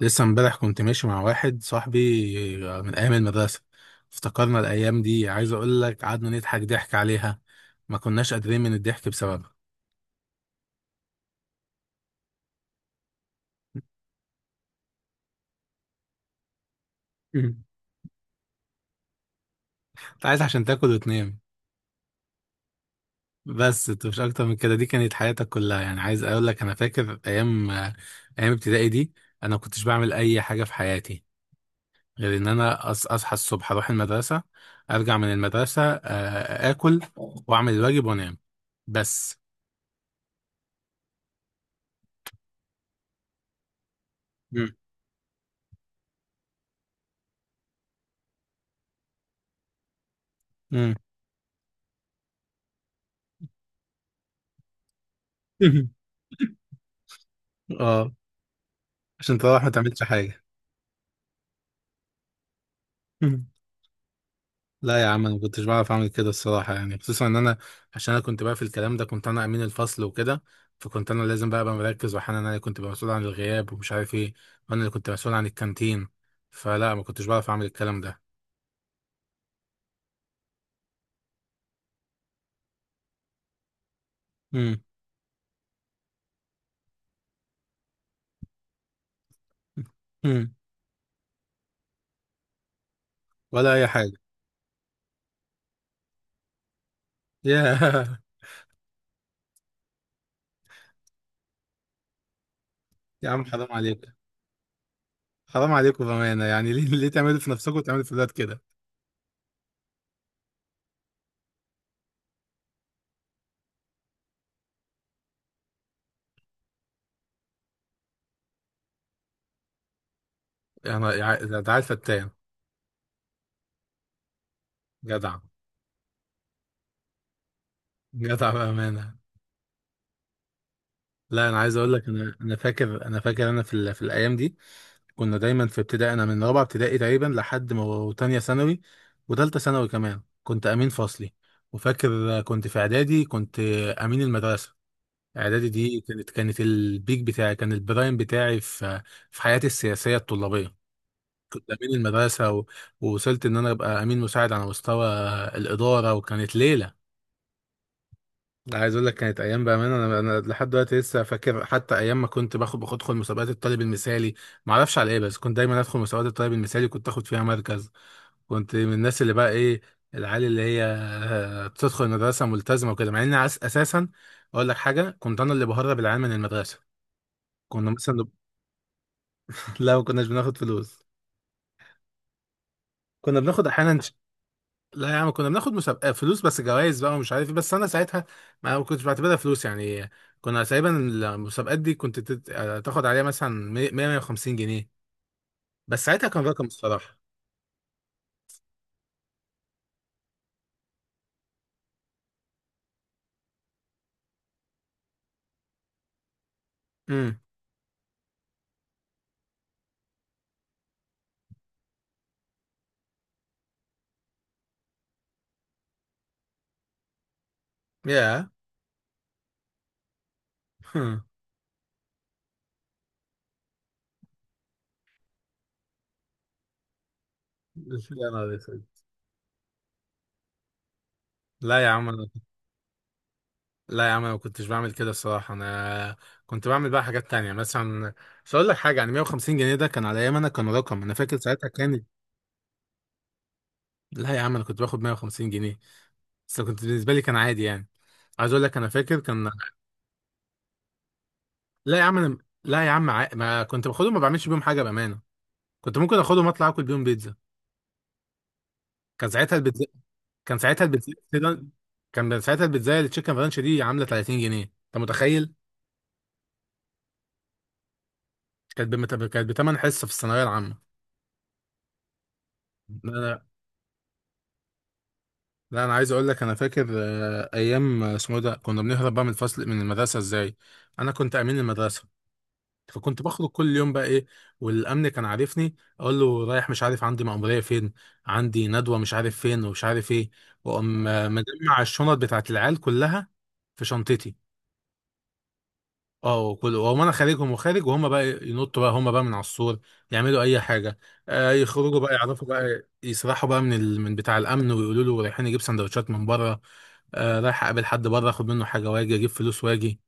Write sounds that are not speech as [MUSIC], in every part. لسه امبارح كنت ماشي مع واحد صاحبي. من ايام المدرسه. افتكرنا الايام دي، عايز اقول لك قعدنا نضحك ضحك عليها، ما كناش قادرين من الضحك بسببها. مم. انت عايز عشان تاكل وتنام، بس انت مش اكتر من كده. دي كانت حياتك كلها، يعني عايز اقول لك انا فاكر ايام ايام ابتدائي دي. انا ما كنتش بعمل اي حاجه في حياتي غير ان اصحى الصبح اروح المدرسه، ارجع من المدرسه، اكل واعمل الواجب وانام بس. مم. مم. [LAUGHS] اه، عشان تروح ما تعملش حاجة. [LAUGHS] لا يا عم، انا ما كنتش بعرف اعمل كده الصراحة، يعني خصوصا ان انا، عشان انا كنت بقى في الكلام ده كنت انا امين الفصل وكده، فكنت انا لازم بقى ابقى مركز، واحيانا انا اللي كنت ببقى مسؤول عن الغياب ومش عارف ايه، وانا اللي كنت مسؤول عن الكانتين. فلا ما كنتش بعرف اعمل الكلام ده. مم. مم. ولا اي حاجة. [LAUGHS] يا يا عم حرام عليك، حرام عليكم بأمانة يعني. [LAUGHS] ليه تعملوا في نفسكم وتعملوا في الولاد كده؟ يعني ده عيل فتان. جدع. جدع بأمانة. لا انا عايز اقول لك انا فاكر، انا فاكر انا في الايام دي كنا دايما في ابتدائي، انا من رابعه ابتدائي تقريبا لحد ما تانية ثانوي وتالتة ثانوي كمان كنت امين فصلي. وفاكر كنت في اعدادي كنت امين المدرسه. اعدادي دي كانت البيك بتاعي، كان البرايم بتاعي في حياتي السياسيه الطلابيه. كنت امين المدرسه ووصلت ان انا ابقى امين مساعد على مستوى الاداره، وكانت ليله. لا، عايز اقول لك كانت ايام بامانه، انا انا لحد دلوقتي لسه فاكر، حتى ايام ما كنت باخد ادخل مسابقات الطالب المثالي، ما اعرفش على ايه، بس كنت دايما ادخل مسابقات الطالب المثالي كنت اخد فيها مركز. كنت من الناس اللي بقى ايه، العيال اللي هي بتدخل المدرسه ملتزمه وكده، مع ان اساسا اقول لك حاجه كنت انا اللي بهرب العيال من المدرسه. كنا مثلا [LAUGHS] نب-. لا ما كناش بناخد فلوس، كنا بناخد احيانا. لا يا عم كنا بناخد مسابقة فلوس بس جوائز بقى ومش عارف ايه، بس انا ساعتها ما كنتش بعتبرها فلوس يعني. كنا تقريبا المسابقات دي كنت تاخد عليها مثلا 100 150 جنيه، بس ساعتها كان رقم الصراحة. امم. يا. [LAUGHS] يا نهار اسود. لا يا عم أنا-. لا يا عم انا ما كنتش بعمل كده الصراحة، انا كنت بعمل بقى حاجات تانية مثلا. مش هقول لك حاجة، يعني 150 جنيه ده كان على ايام انا، كان رقم، انا فاكر ساعتها كان. لا يا عم انا كنت باخد 150 جنيه بس كنت بالنسبة لي كان عادي يعني. عايز اقول لك انا فاكر كان. لا يا عم أنا... لا يا عم ما كنت باخدهم ما بعملش بيهم حاجه بامانه. كنت ممكن اخدهم اطلع اكل بيهم بيتزا. كان ساعتها البيتزا كان ساعتها البيتزا كان ساعتها البيتزا التشيكن رانش دي عامله 30 جنيه، انت متخيل؟ كانت بمت... كانت بتمن حصه في الثانويه العامه. لا لا. لا انا عايز اقول لك انا فاكر ايام اسمه إيه ده كنا بنهرب بقى من الفصل من المدرسه ازاي. انا كنت امين المدرسه فكنت بخرج كل يوم بقى ايه، والامن كان عارفني اقول له رايح مش عارف، عندي مأمورية فين، عندي ندوة مش عارف فين، ومش عارف ايه. واقوم مجمع الشنط بتاعت العيال كلها في شنطتي. اه، وكل واقوم انا خارجهم وخارج، وهم بقى ينطوا بقى هم بقى من على السور يعملوا اي حاجة. آه يخرجوا بقى يعرفوا بقى يسرحوا بقى من بتاع الامن ويقولوا له رايحين نجيب سندوتشات من بره. آه رايح اقابل حد بره اخد منه حاجة واجي اجيب فلوس واجي.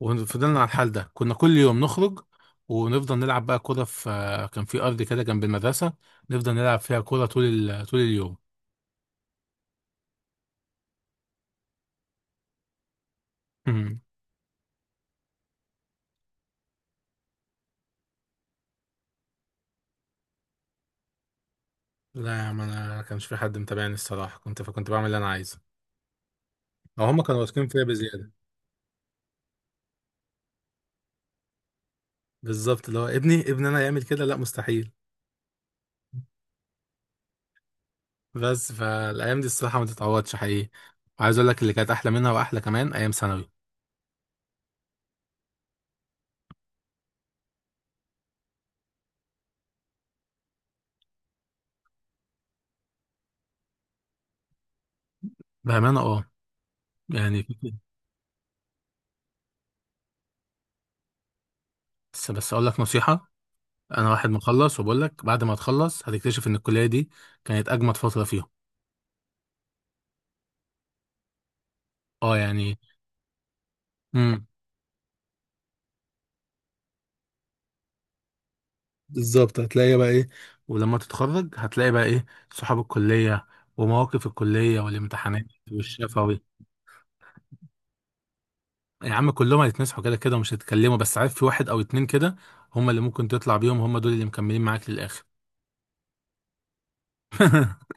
وفضلنا على الحال ده، كنا كل يوم نخرج ونفضل نلعب بقى كرة في. كان في أرض كده جنب المدرسة، نفضل نلعب فيها كرة طول طول اليوم. مم. لا يا عم أنا كانش في حد متابعني الصراحة، كنت فكنت بعمل اللي أنا عايزه، أو هما كانوا واثقين فيا بزيادة. بالظبط اللي هو ابني ابني أنا يعمل كده؟ لا مستحيل. بس فالأيام دي الصراحة ما تتعوضش حقيقي. وعايز أقول لك اللي كانت أحلى منها وأحلى كمان أيام ثانوي. بأمانة أه، يعني. بس أقول لك نصيحة، انا واحد مخلص وبقول لك بعد ما تخلص هتكتشف ان الكليه دي كانت اجمد فتره فيهم. اه يعني. امم. بالظبط هتلاقي بقى ايه، ولما تتخرج هتلاقي بقى ايه، صحاب الكليه ومواقف الكليه والامتحانات والشفوي. يا عم كلهم هيتمسحوا كده كده ومش هيتكلموا، بس عارف في واحد او اتنين كده هم اللي ممكن تطلع بيهم، هم دول اللي مكملين معاك للاخر. [LAUGHS]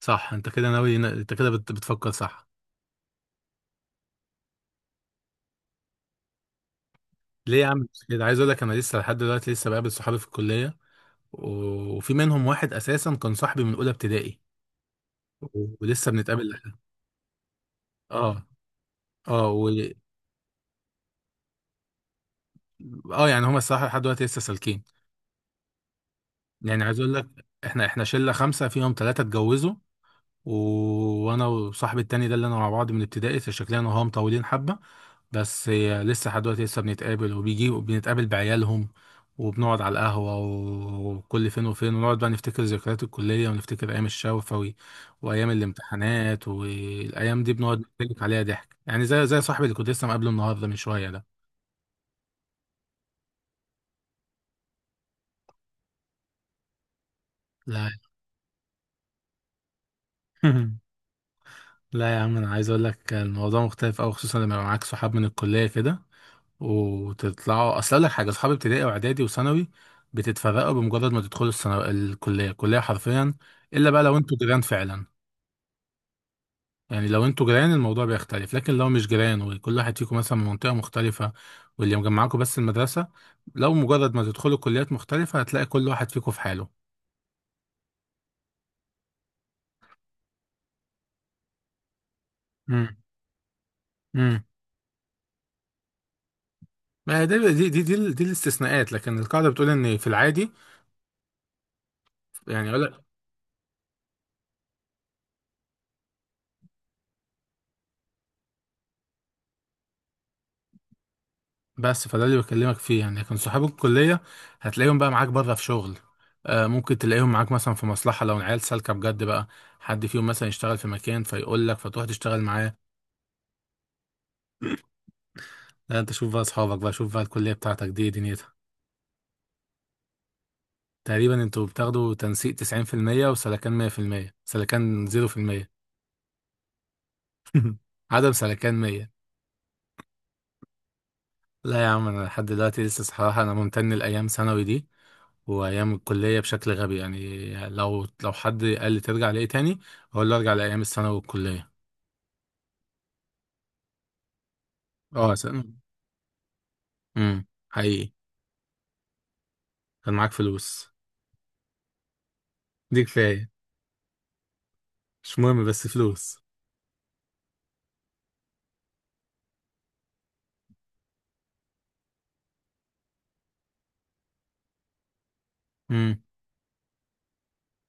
صح انت كده ناوي، بتفكر صح. ليه يا عم كده؟ عايز اقول لك انا لسه لحد دلوقتي لسه بقابل صحابي في الكليه، وفي منهم واحد اساسا كان صاحبي من اولى ابتدائي ولسه بنتقابل لحد. [LAUGHS] اه. اه و... اه يعني هما الصراحه لحد دلوقتي لسه سالكين. يعني عايز اقول لك احنا شله خمسه فيهم ثلاثه اتجوزوا، وانا وصاحبي التاني ده اللي انا مع بعض من ابتدائي، فشكلنا انا وهو مطولين حبه بس. هي لسه لحد دلوقتي لسه بنتقابل وبيجي وبنتقابل بعيالهم وبنقعد على القهوه، وكل فين وفين ونقعد بقى نفتكر ذكريات الكليه ونفتكر ايام الشوفه وايام الامتحانات، والايام دي بنقعد نتكلم عليها ضحك، يعني زي صاحبي اللي كنت لسه مقابله النهارده من شويه ده. لا. [LAUGHS] لا يا عم انا عايز اقول لك الموضوع مختلف قوي، خصوصا لما يبقى معاك صحاب من الكليه كده وتطلعوا اصل اقول لك حاجه اصحابي ابتدائي واعدادي وثانوي بتتفرقوا بمجرد ما تدخلوا الثانوي الكليه الكليه حرفيا، الا بقى لو انتوا جيران فعلا. يعني لو انتوا جيران الموضوع بيختلف، لكن لو مش جيران وكل واحد فيكم مثلا من منطقه مختلفه، واللي مجمعاكم بس المدرسه، لو مجرد ما تدخلوا كليات مختلفه هتلاقي كل واحد فيكم في حاله. امم. امم. ما هي دي دي الاستثناءات، لكن القاعده بتقول ان في العادي يعني. بس فده اللي بكلمك فيه يعني، لكن صحاب الكلية هتلاقيهم بقى معاك بره في شغل. آه ممكن تلاقيهم معاك مثلا في مصلحة، لو العيال سالكة بجد بقى، حد فيهم مثلا يشتغل في مكان فيقول لك فتروح تشتغل معاه. لا انت شوف بقى اصحابك بقى، شوف بقى الكلية بتاعتك دي إيه دنيتها. تقريبا انتوا بتاخدوا تنسيق 90%، وسلكان 100%، سلكان 0%. [LAUGHS] عدم سلكان 100. لا يا عم انا لحد دلوقتي لسه صراحه انا ممتن لايام ثانوي دي وايام الكليه بشكل غبي، يعني لو حد قال لي ترجع لايه تاني اقول له ارجع لايام الثانوي والكليه. اه ثانوي. حقيقي. كان معاك فلوس. دي كفايه. مش مهم بس فلوس. امم.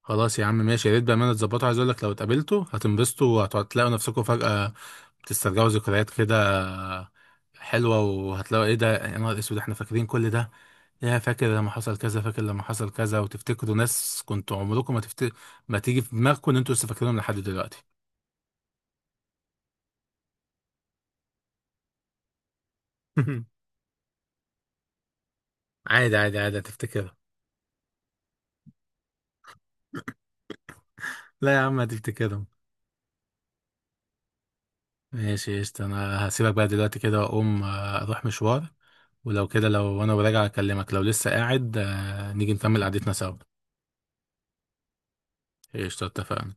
خلاص يا عم ماشي، يا ريت بامانه تظبطوا، عايز اقول لك لو اتقابلتوا هتنبسطوا وهتلاقوا نفسكم فجاه بتسترجعوا ذكريات كده حلوه، وهتلاقوا ايه ده يا نهار اسود احنا فاكرين كل ده، يا فاكر لما حصل كذا فاكر لما حصل كذا، وتفتكروا ناس كنتوا عمركم ما تفت... ما تيجي في دماغكم ان انتوا لسه فاكرينهم لحد دلوقتي. [LAUGHS] عادي عادي عادي هتفتكرهم. لا يا عم هتفتكرهم. ماشي قشطة، انا هسيبك بقى دلوقتي كده واقوم اروح مشوار، ولو كده لو انا وراجع اكلمك، لو لسه قاعد نيجي نكمل قعدتنا سوا. قشطة اتفقنا.